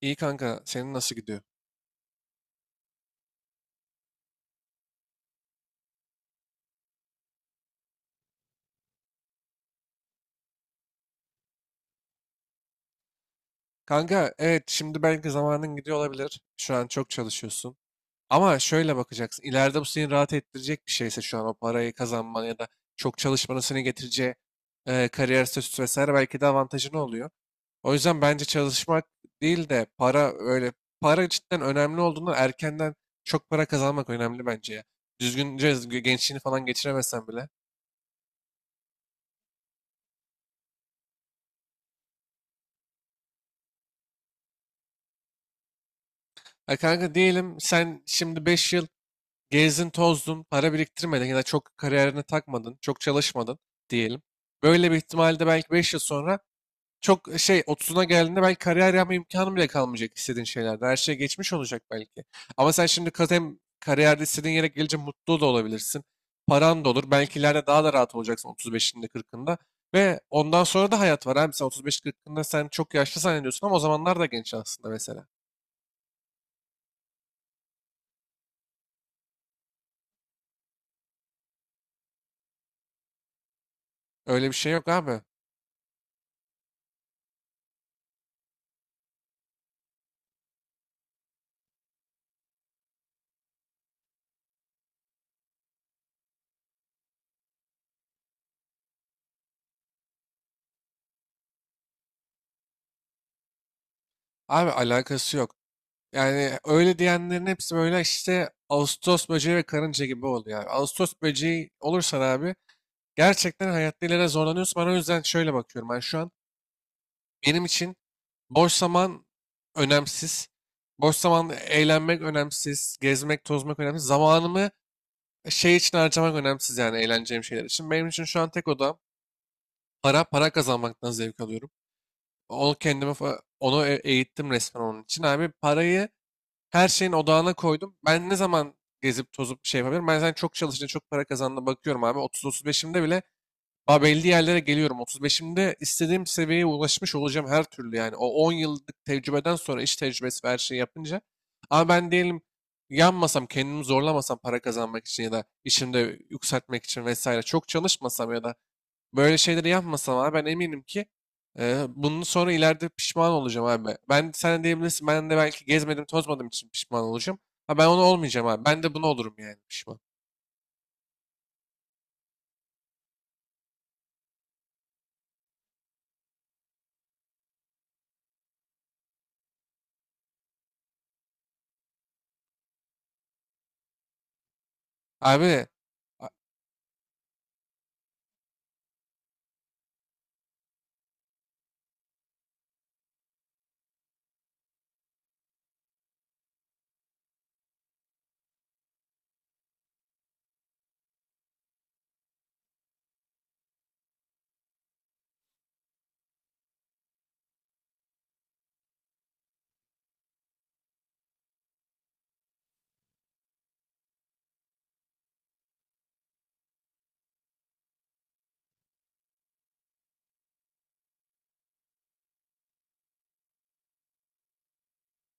İyi kanka, senin nasıl gidiyor? Kanka, evet şimdi belki zamanın gidiyor olabilir. Şu an çok çalışıyorsun. Ama şöyle bakacaksın. İleride bu seni rahat ettirecek bir şeyse şu an o parayı kazanman ya da çok çalışmanın seni getireceği kariyer statüsü vesaire belki de avantajın oluyor. O yüzden bence çalışmak değil de para öyle para cidden önemli olduğundan erkenden çok para kazanmak önemli bence ya. Düzgünce gençliğini falan geçiremesen bile. Ya kanka diyelim sen şimdi 5 yıl gezdin, tozdun, para biriktirmedin ya da çok kariyerine takmadın, çok çalışmadın diyelim. Böyle bir ihtimalde belki 5 yıl sonra çok 30'una geldiğinde belki kariyer yapma imkanı bile kalmayacak istediğin şeylerde. Her şey geçmiş olacak belki. Ama sen şimdi hem kariyerde istediğin yere gelince mutlu da olabilirsin. Paran da olur. Belki ileride daha da rahat olacaksın 35'inde 40'ında. Ve ondan sonra da hayat var abi. 35-40'ında sen çok yaşlı zannediyorsun ama o zamanlar da genç aslında mesela. Öyle bir şey yok abi. Abi alakası yok. Yani öyle diyenlerin hepsi böyle işte ağustos böceği ve karınca gibi oluyor abi. Ağustos böceği olursan abi gerçekten hayatta ileride zorlanıyorsun. Ben o yüzden şöyle bakıyorum. Ben şu an benim için boş zaman önemsiz. Boş zamanda eğlenmek önemsiz. Gezmek, tozmak önemsiz. Zamanımı şey için harcamak önemsiz yani eğleneceğim şeyler için. Benim için şu an tek odam para, para kazanmaktan zevk alıyorum. Onu kendime, eğittim resmen onun için. Abi parayı her şeyin odağına koydum. Ben ne zaman gezip tozup bir şey yapabilirim? Ben zaten çok çalışınca çok para kazandığına bakıyorum abi. 30-35'imde bile daha belli yerlere geliyorum. 35'imde istediğim seviyeye ulaşmış olacağım her türlü yani. O 10 yıllık tecrübeden sonra iş tecrübesi ve her şeyi yapınca. Ama ben diyelim yanmasam, kendimi zorlamasam para kazanmak için ya da işimde yükseltmek için vesaire çok çalışmasam ya da böyle şeyleri yapmasam abi ben eminim ki bunun sonra ileride pişman olacağım abi. Ben sen de diyebilirsin ben de belki gezmedim tozmadım için pişman olacağım. Ha ben onu olmayacağım abi. Ben de bunu olurum yani pişman. Abi a-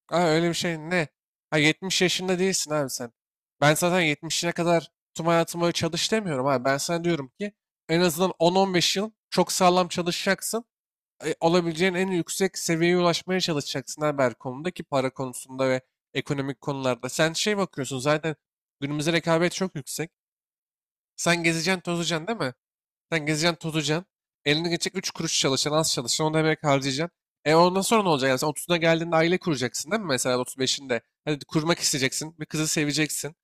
öyle bir şey ne? Ha 70 yaşında değilsin abi sen. Ben zaten 70'ine kadar tüm hayatımı öyle çalış demiyorum abi. Ben sana diyorum ki en azından 10-15 yıl çok sağlam çalışacaksın. Olabileceğin en yüksek seviyeye ulaşmaya çalışacaksın abi her konuda ki para konusunda ve ekonomik konularda. Sen şey bakıyorsun zaten günümüzde rekabet çok yüksek. Sen gezeceksin, tozacaksın değil mi? Sen gezeceksin, tozacaksın. Eline geçecek 3 kuruş çalışacaksın, az çalışacaksın. Onu da emek harcayacaksın. E ondan sonra ne olacak? Yani sen 30'una geldiğinde aile kuracaksın değil mi? Mesela 35'inde. Hadi kurmak isteyeceksin. Bir kızı seveceksin.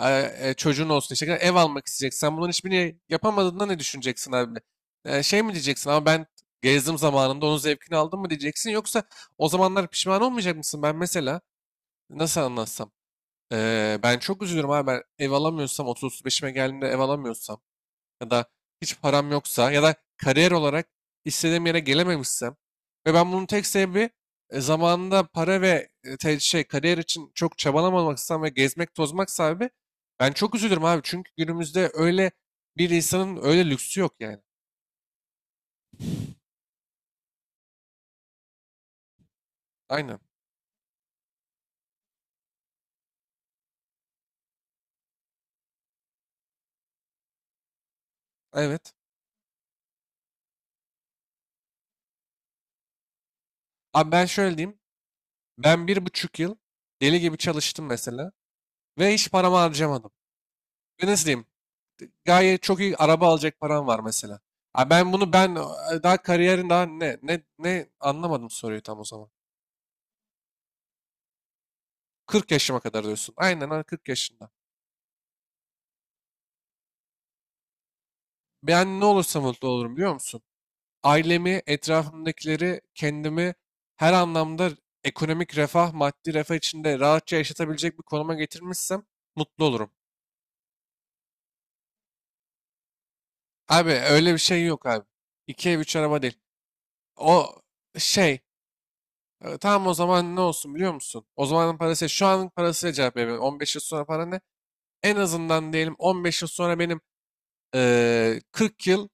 Çocuğun olsun işte. Ev almak isteyeceksin. Sen bunların hiçbirini yapamadığında ne düşüneceksin abi? E, şey mi diyeceksin ama ben gezdim zamanında onun zevkini aldım mı diyeceksin. Yoksa o zamanlar pişman olmayacak mısın? Ben mesela nasıl anlatsam? E, ben çok üzülürüm abi. Ben ev alamıyorsam 30-35'ime geldiğimde ev alamıyorsam ya da hiç param yoksa ya da kariyer olarak istediğim yere gelememişsem ve ben bunun tek sebebi zamanında para ve şey kariyer için çok çabalamamaksam ve gezmek tozmak sebebi ben çok üzülürüm abi çünkü günümüzde öyle bir insanın öyle lüksü yok yani. Aynen. Evet. Abi ben şöyle diyeyim. Ben bir buçuk yıl deli gibi çalıştım mesela ve hiç paramı harcamadım. Ve nasıl diyeyim? Gayet çok iyi araba alacak paran var mesela. Ha ben bunu ben e, Daha kariyerin daha ne anlamadım soruyu tam o zaman. 40 yaşıma kadar diyorsun. Aynen ha, 40 yaşında. Ben ne olursa mutlu olurum biliyor musun? Ailemi, etrafımdakileri, kendimi her anlamda ekonomik refah, maddi refah içinde rahatça yaşatabilecek bir konuma getirmişsem mutlu olurum. Abi öyle bir şey yok abi. İki ev, üç araba değil. O şey E, tamam o zaman ne olsun biliyor musun? O zamanın parası şu anın parasıyla cevap veriyorum. 15 yıl sonra para ne? En azından diyelim 15 yıl sonra benim 40 yıl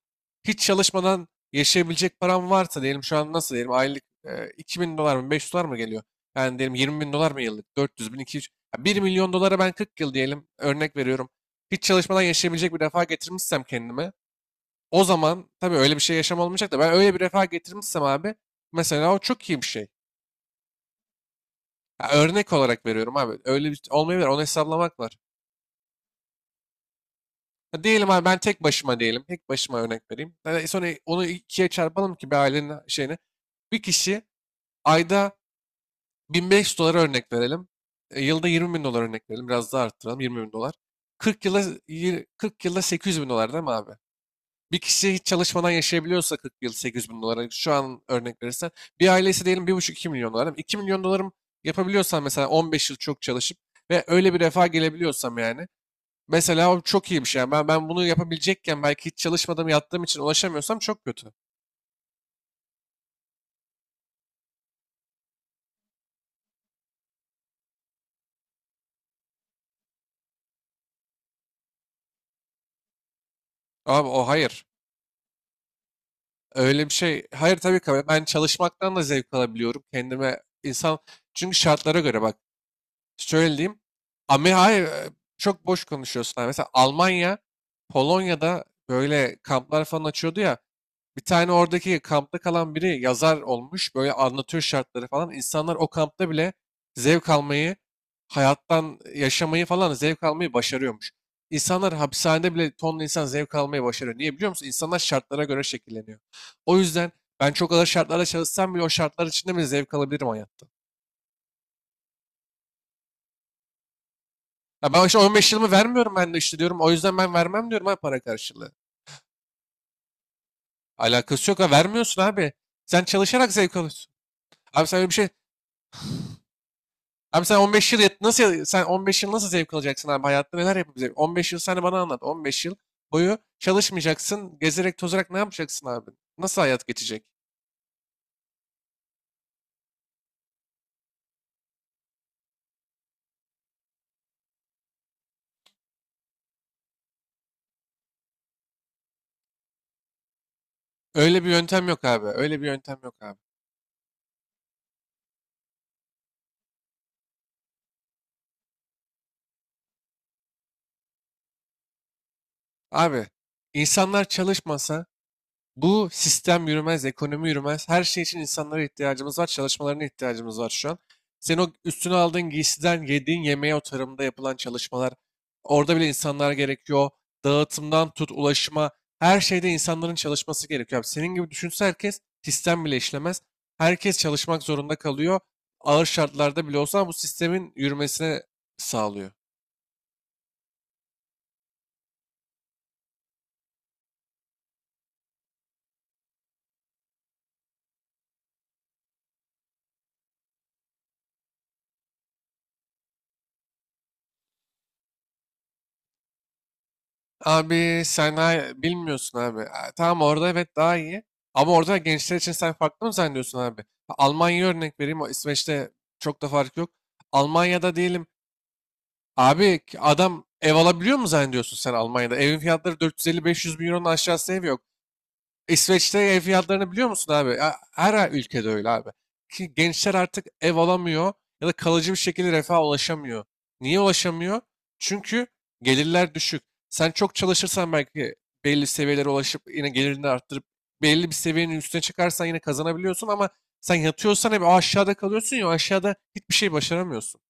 hiç çalışmadan yaşayabilecek param varsa diyelim şu an nasıl diyelim aylık 2000 dolar mı 500 dolar mı geliyor? Yani diyelim 20 bin dolar mı yıllık? 400 bin 200 ya 1 milyon dolara ben 40 yıl diyelim örnek veriyorum. Hiç çalışmadan yaşayabilecek bir refah getirmişsem kendime o zaman tabii öyle bir şey yaşam olmayacak da ben öyle bir refah getirmişsem abi mesela o çok iyi bir şey. Ya örnek olarak veriyorum abi. Öyle bir olmayabilir. Onu hesaplamak var. Ha, diyelim abi ben tek başıma diyelim. Tek başıma örnek vereyim. Yani sonra onu ikiye çarpalım ki bir ailenin şeyini. Bir kişi ayda 1500 dolar örnek verelim. E, yılda 20 bin dolar örnek verelim. Biraz daha arttıralım. 20 bin dolar. 40 yılda, 40 yılda 800 bin dolar değil mi abi? Bir kişi hiç çalışmadan yaşayabiliyorsa 40 yıl 800 bin dolara şu an örnek verirsen. Bir ailesi diyelim bir buçuk iki milyon dolar. İki milyon dolarım yapabiliyorsan mesela 15 yıl çok çalışıp ve öyle bir refaha gelebiliyorsam yani. Mesela o çok iyi bir şey. Yani ben bunu yapabilecekken belki hiç çalışmadım yattığım için ulaşamıyorsam çok kötü. Abi o hayır. Öyle bir şey. Hayır tabii ki. Ben çalışmaktan da zevk alabiliyorum. Kendime insan. Çünkü şartlara göre bak. Şöyle diyeyim. Ama hayır. Çok boş konuşuyorsun abi. Mesela Almanya, Polonya'da böyle kamplar falan açıyordu ya. Bir tane oradaki kampta kalan biri yazar olmuş. Böyle anlatıyor şartları falan. İnsanlar o kampta bile zevk almayı, hayattan yaşamayı falan zevk almayı başarıyormuş. İnsanlar hapishanede bile tonla insan zevk almayı başarıyor. Niye biliyor musun? İnsanlar şartlara göre şekilleniyor. O yüzden ben çok ağır şartlarda çalışsam bile o şartlar içinde bile zevk alabilirim hayatta. Ya ben işte 15 yılımı vermiyorum ben de işte diyorum. O yüzden ben vermem diyorum ha para karşılığı. Alakası yok ha vermiyorsun abi. Sen çalışarak zevk alıyorsun. Abi sen öyle bir şey Abi sen 15 yıl yet- nasıl ya- sen 15 yıl nasıl zevk alacaksın abi hayatta neler yapabilecek? 15 yıl sen bana anlat. 15 yıl boyu çalışmayacaksın, gezerek tozarak ne yapacaksın abi? Nasıl hayat geçecek? Öyle bir yöntem yok abi. Öyle bir yöntem yok abi. Abi insanlar çalışmasa bu sistem yürümez, ekonomi yürümez. Her şey için insanlara ihtiyacımız var, çalışmalarına ihtiyacımız var şu an. Sen o üstüne aldığın giysiden yediğin yemeğe o tarımda yapılan çalışmalar, orada bile insanlar gerekiyor. Dağıtımdan tut, ulaşıma, her şeyde insanların çalışması gerekiyor. Abi senin gibi düşünse herkes sistem bile işlemez. Herkes çalışmak zorunda kalıyor. Ağır şartlarda bile olsa bu sistemin yürümesine sağlıyor. Bilmiyorsun abi. Ha, tamam orada evet daha iyi. Ama orada gençler için sen farklı mı zannediyorsun abi? Ha, Almanya'ya örnek vereyim. O İsveç'te çok da fark yok. Almanya'da diyelim. Abi adam ev alabiliyor mu zannediyorsun sen Almanya'da? Evin fiyatları 450-500 bin euronun aşağısı ev yok. İsveç'te ev fiyatlarını biliyor musun abi? Ya her ülkede öyle abi. Ki gençler artık ev alamıyor ya da kalıcı bir şekilde refaha ulaşamıyor. Niye ulaşamıyor? Çünkü gelirler düşük. Sen çok çalışırsan belki belli seviyelere ulaşıp yine gelirini arttırıp belli bir seviyenin üstüne çıkarsan yine kazanabiliyorsun ama sen yatıyorsan hep o aşağıda kalıyorsun ya o aşağıda hiçbir şey başaramıyorsun.